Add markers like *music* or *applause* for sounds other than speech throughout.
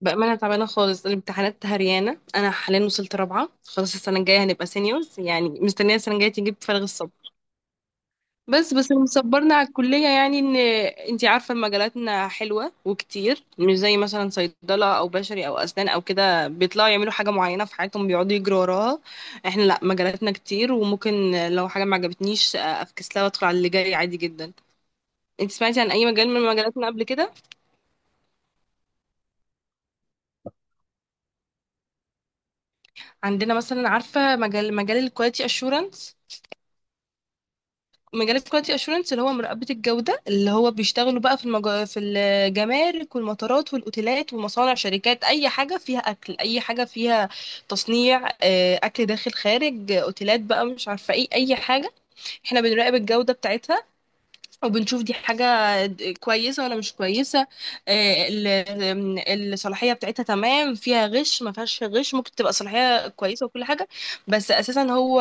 بأمانة تعبانة خالص. الامتحانات هريانة. أنا حاليا وصلت رابعة. خلاص السنة الجاية هنبقى سينيورز، يعني مستنية السنة الجاية تجيب. فارغ الصبر. بس اللي مصبرنا على الكلية يعني، إن أنتي عارفة، مجالاتنا حلوة وكتير، مش زي مثلا صيدلة أو بشري أو أسنان أو كده بيطلعوا يعملوا حاجة معينة في حياتهم، بيقعدوا يجروا وراها. إحنا لأ، مجالاتنا كتير، وممكن لو حاجة ما عجبتنيش أفكس لها وأدخل على اللي جاي عادي جدا. أنتي سمعتي عن أي مجال من مجالاتنا قبل كده؟ عندنا مثلا، عارفة، مجال الكواليتي أشورنس. مجالات كواليتي اشورنس اللي هو مراقبة الجودة، اللي هو بيشتغلوا بقى في الجمارك والمطارات والاوتيلات ومصانع شركات، اي حاجة فيها اكل، اي حاجة فيها تصنيع، اكل داخل خارج، اوتيلات بقى، مش عارفة ايه، اي حاجة. احنا بنراقب الجودة بتاعتها، وبنشوف دي حاجة كويسة ولا مش كويسة. الصلاحية بتاعتها تمام، فيها غش ما فيهاش غش، ممكن تبقى صلاحية كويسة وكل حاجة. بس أساسا هو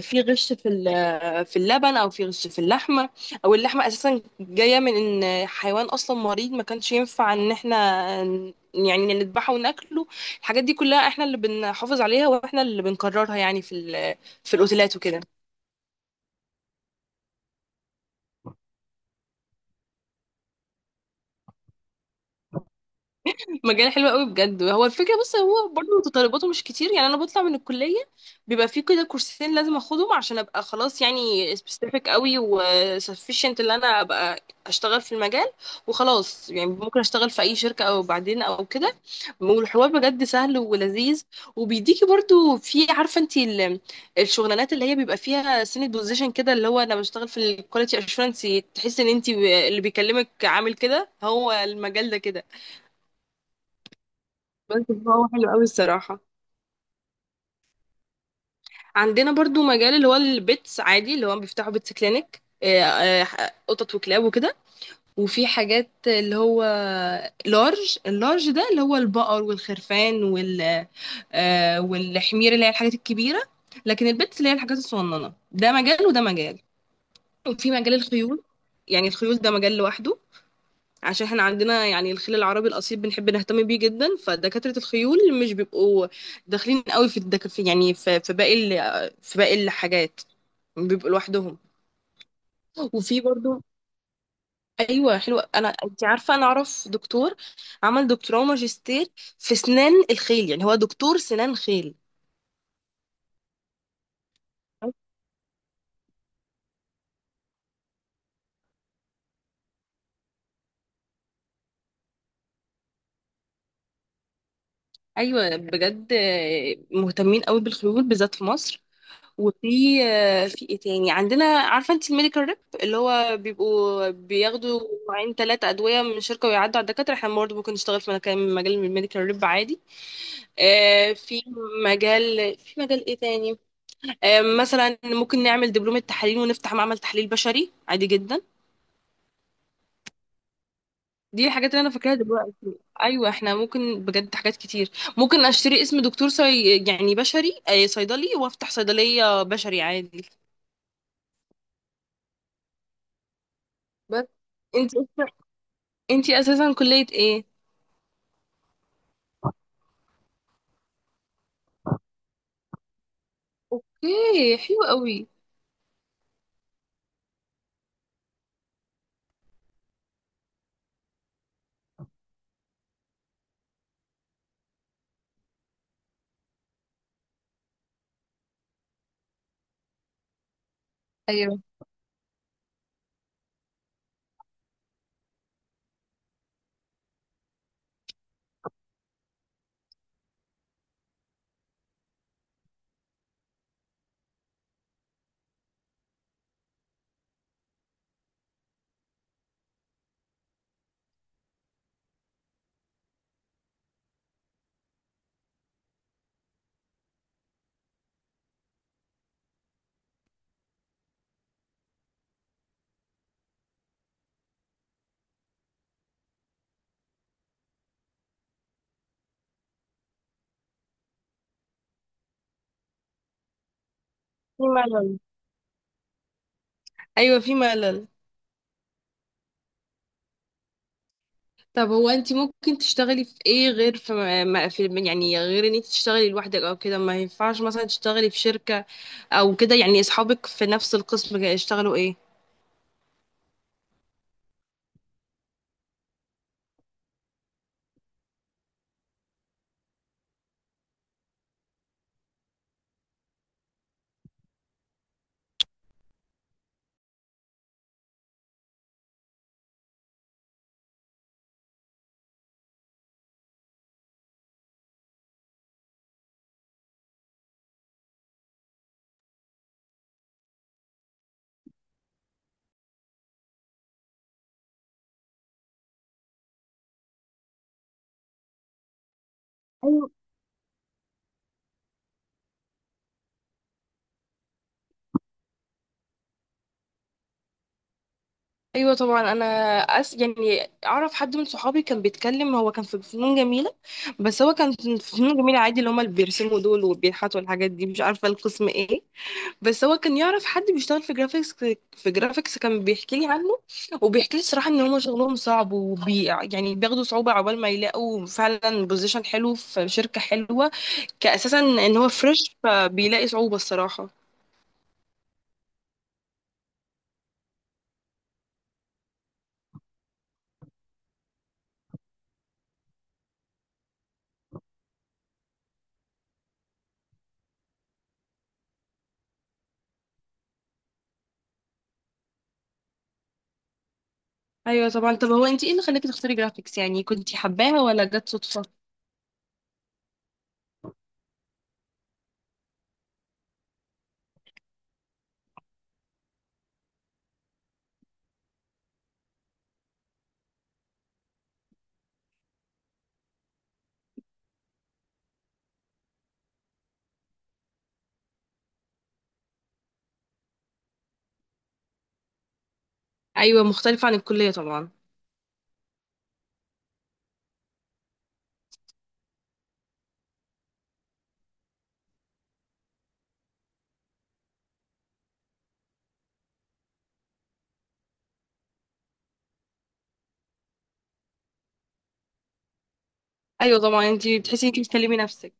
في غش في اللبن، أو في غش في اللحمة، أو اللحمة أساسا جاية من إن حيوان أصلا مريض ما كانش ينفع إن إحنا يعني نذبحه وناكله. الحاجات دي كلها إحنا اللي بنحافظ عليها، وإحنا اللي بنكررها يعني في الأوتيلات وكده. مجال حلو قوي بجد، هو الفكره. بس هو برضه متطلباته مش كتير يعني، انا بطلع من الكليه بيبقى في كده كورسين لازم اخدهم عشان ابقى خلاص يعني سبيسيفيك قوي وسفيشنت اللي انا ابقى اشتغل في المجال وخلاص، يعني ممكن اشتغل في اي شركه او بعدين او كده. والحوار بجد سهل ولذيذ، وبيديكي برضه، في، عارفه انت، الشغلانات اللي هي بيبقى فيها سنة بوزيشن كده، اللي هو انا بشتغل في الكواليتي اشورنس تحس ان انت اللي بيكلمك عامل كده، هو المجال ده كده. بس هو حلو قوي الصراحة. عندنا برضو مجال اللي هو البيتس عادي، اللي هو بيفتحوا بيتس كلينك، قطط وكلاب وكده. وفي حاجات اللي هو لارج، اللارج ده اللي هو البقر والخرفان والحمير، اللي هي الحاجات الكبيرة. لكن البيتس اللي هي الحاجات الصغننة، ده مجال وده مجال. وفي مجال الخيول، يعني الخيول ده مجال لوحده، عشان احنا عندنا يعني الخيل العربي الاصيل بنحب نهتم بيه جدا، فدكاتره الخيول مش بيبقوا داخلين قوي في الدك... في يعني في, في في باقي الحاجات، بيبقوا لوحدهم. وفي برضو، ايوه حلوه. انا، انت عارفه، انا اعرف دكتور عمل دكتوراه وماجستير في سنان الخيل، يعني هو دكتور سنان خيل. ايوه بجد، مهتمين قوي بالخيول بالذات في مصر. وفي في ايه تاني عندنا؟ عارفه انت الميديكال ريب، اللي هو بيبقوا بياخدوا نوعين ثلاثه ادويه من الشركه ويعدوا على الدكاتره، احنا برضه ممكن نشتغل في مكان مجال الميديكال ريب عادي. في مجال، في مجال ايه تاني؟ مثلا ممكن نعمل دبلومه تحاليل ونفتح معمل تحليل بشري عادي جدا. دي الحاجات اللي انا فاكراها دلوقتي، ايوه احنا ممكن بجد حاجات كتير. ممكن اشتري اسم دكتور يعني بشري، صيدلي، وافتح صيدليه بشري عادي. بس انت، انتي اساسا كلية ايه؟ اوكي حلو قوي. ايوه في ملل. ايوه في ملل. طب هو انتي ممكن تشتغلي في ايه غير ما في يعني غير ان انتي تشتغلي لوحدك او كده؟ ما ينفعش مثلا تشتغلي في شركة او كده يعني؟ اصحابك في نفس القسم اشتغلوا ايه؟ ايوه. ايوه طبعا. انا يعني اعرف حد من صحابي كان بيتكلم، هو كان في فنون جميله. بس هو كان في فنون جميله عادي، اللي هما اللي بيرسموا دول وبينحتوا الحاجات دي، مش عارفه القسم ايه. بس هو كان يعرف حد بيشتغل في جرافيكس، في جرافيكس كان بيحكي لي عنه. وبيحكي لي الصراحه ان هم شغلهم صعب، يعني بياخدوا صعوبه عقبال ما يلاقوا فعلا بوزيشن حلو في شركه حلوه، كاساسا ان هو فريش، فبيلاقي صعوبه الصراحه. ايوه طبعا. طب هو انت ايه اللي خلاكي تختاري جرافيكس يعني؟ كنتي حباها ولا جت صدفه؟ ايوه مختلفه عن الكليه طبعا. ايوه طبعا، انت بتحسي انت بتكلمي نفسك.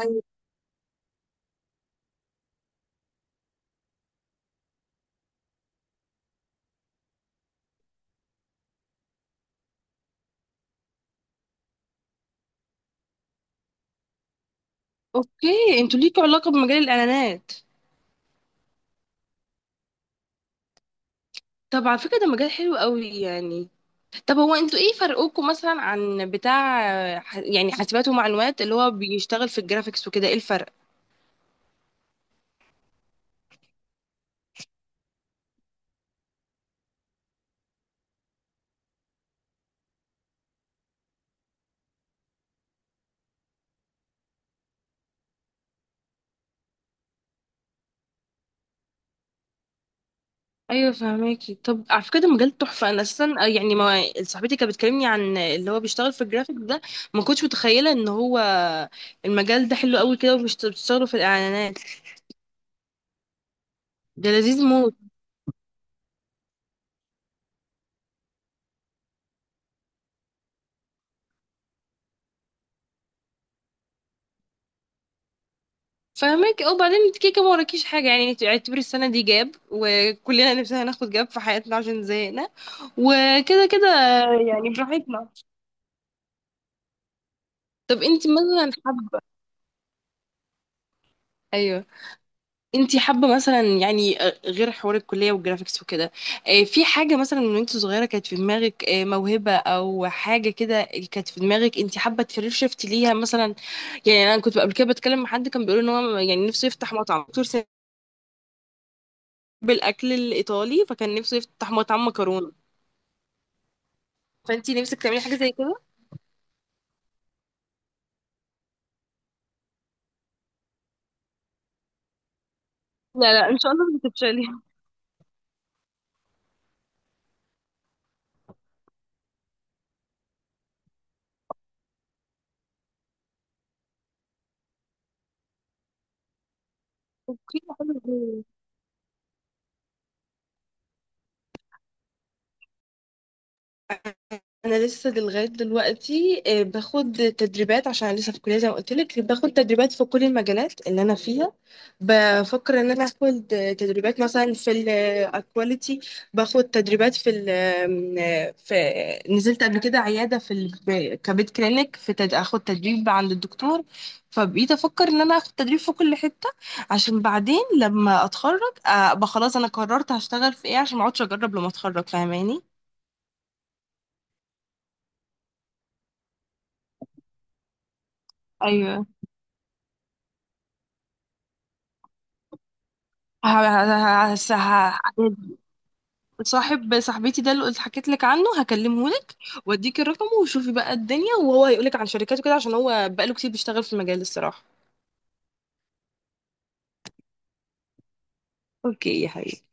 أيوة. اوكي، انتوا ليكوا علاقه بمجال الاعلانات؟ طب على فكره ده مجال حلو قوي يعني. طب هو انتوا ايه فرقوكوا مثلا عن بتاع يعني حاسبات ومعلومات اللي هو بيشتغل في الجرافيكس وكده؟ ايه الفرق؟ ايوه فهماكي. طب على فكره ده مجال تحفه، انا اساسا يعني ما صاحبتي كانت بتكلمني عن اللي هو بيشتغل في الجرافيك ده، ما كنتش متخيله ان هو المجال ده حلو قوي كده وبتشتغلوا في الاعلانات. ده لذيذ موت. فهماكي، اه. وبعدين انت كيكه ما وراكيش حاجه، يعني انت اعتبري السنه دي جاب، وكلنا نفسنا ناخد جاب في حياتنا عشان زهقنا وكده كده يعني، براحتنا. طب انت مثلا حابه، ايوه، انتي حابه مثلا يعني، غير حوار الكليه والجرافيكس وكده، في حاجه مثلا من وانت صغيره كانت في دماغك، موهبه او حاجه كده كانت في دماغك، انتي حابه تكارير شيفت ليها مثلا؟ يعني انا كنت قبل كده بتكلم مع حد كان بيقول ان هو يعني نفسه يفتح مطعم، دكتور سامي، بالاكل الايطالي فكان نفسه يفتح مطعم مكرونه. فانتي نفسك تعملي حاجه زي كده؟ لا لا، ان شاء الله مش هتفشلي. *laughs* انا لسه لغايه دلوقتي باخد تدريبات، عشان لسه في الكليه زي ما قلت لك، باخد تدريبات في كل المجالات اللي انا فيها. بفكر ان انا اخد تدريبات مثلا في الاكواليتي، باخد تدريبات في ال آم، آه، في نزلت قبل كده عياده كبيت كلينيك، اخد تدريب عند الدكتور. فبقيت افكر ان انا اخد تدريب في كل حته، عشان بعدين لما اتخرج ابقى خلاص انا قررت هشتغل في ايه، عشان ما اقعدش اجرب لما اتخرج. فاهماني؟ ايوه. ه- ه- ه- ه- صاحبتي ده اللي قلت حكيت لك عنه هكلمه لك، واديك الرقم، وشوفي بقى الدنيا، وهو هيقولك عن شركاته كده، عشان هو بقاله كتير بيشتغل في المجال الصراحة. اوكي يا حبيبي.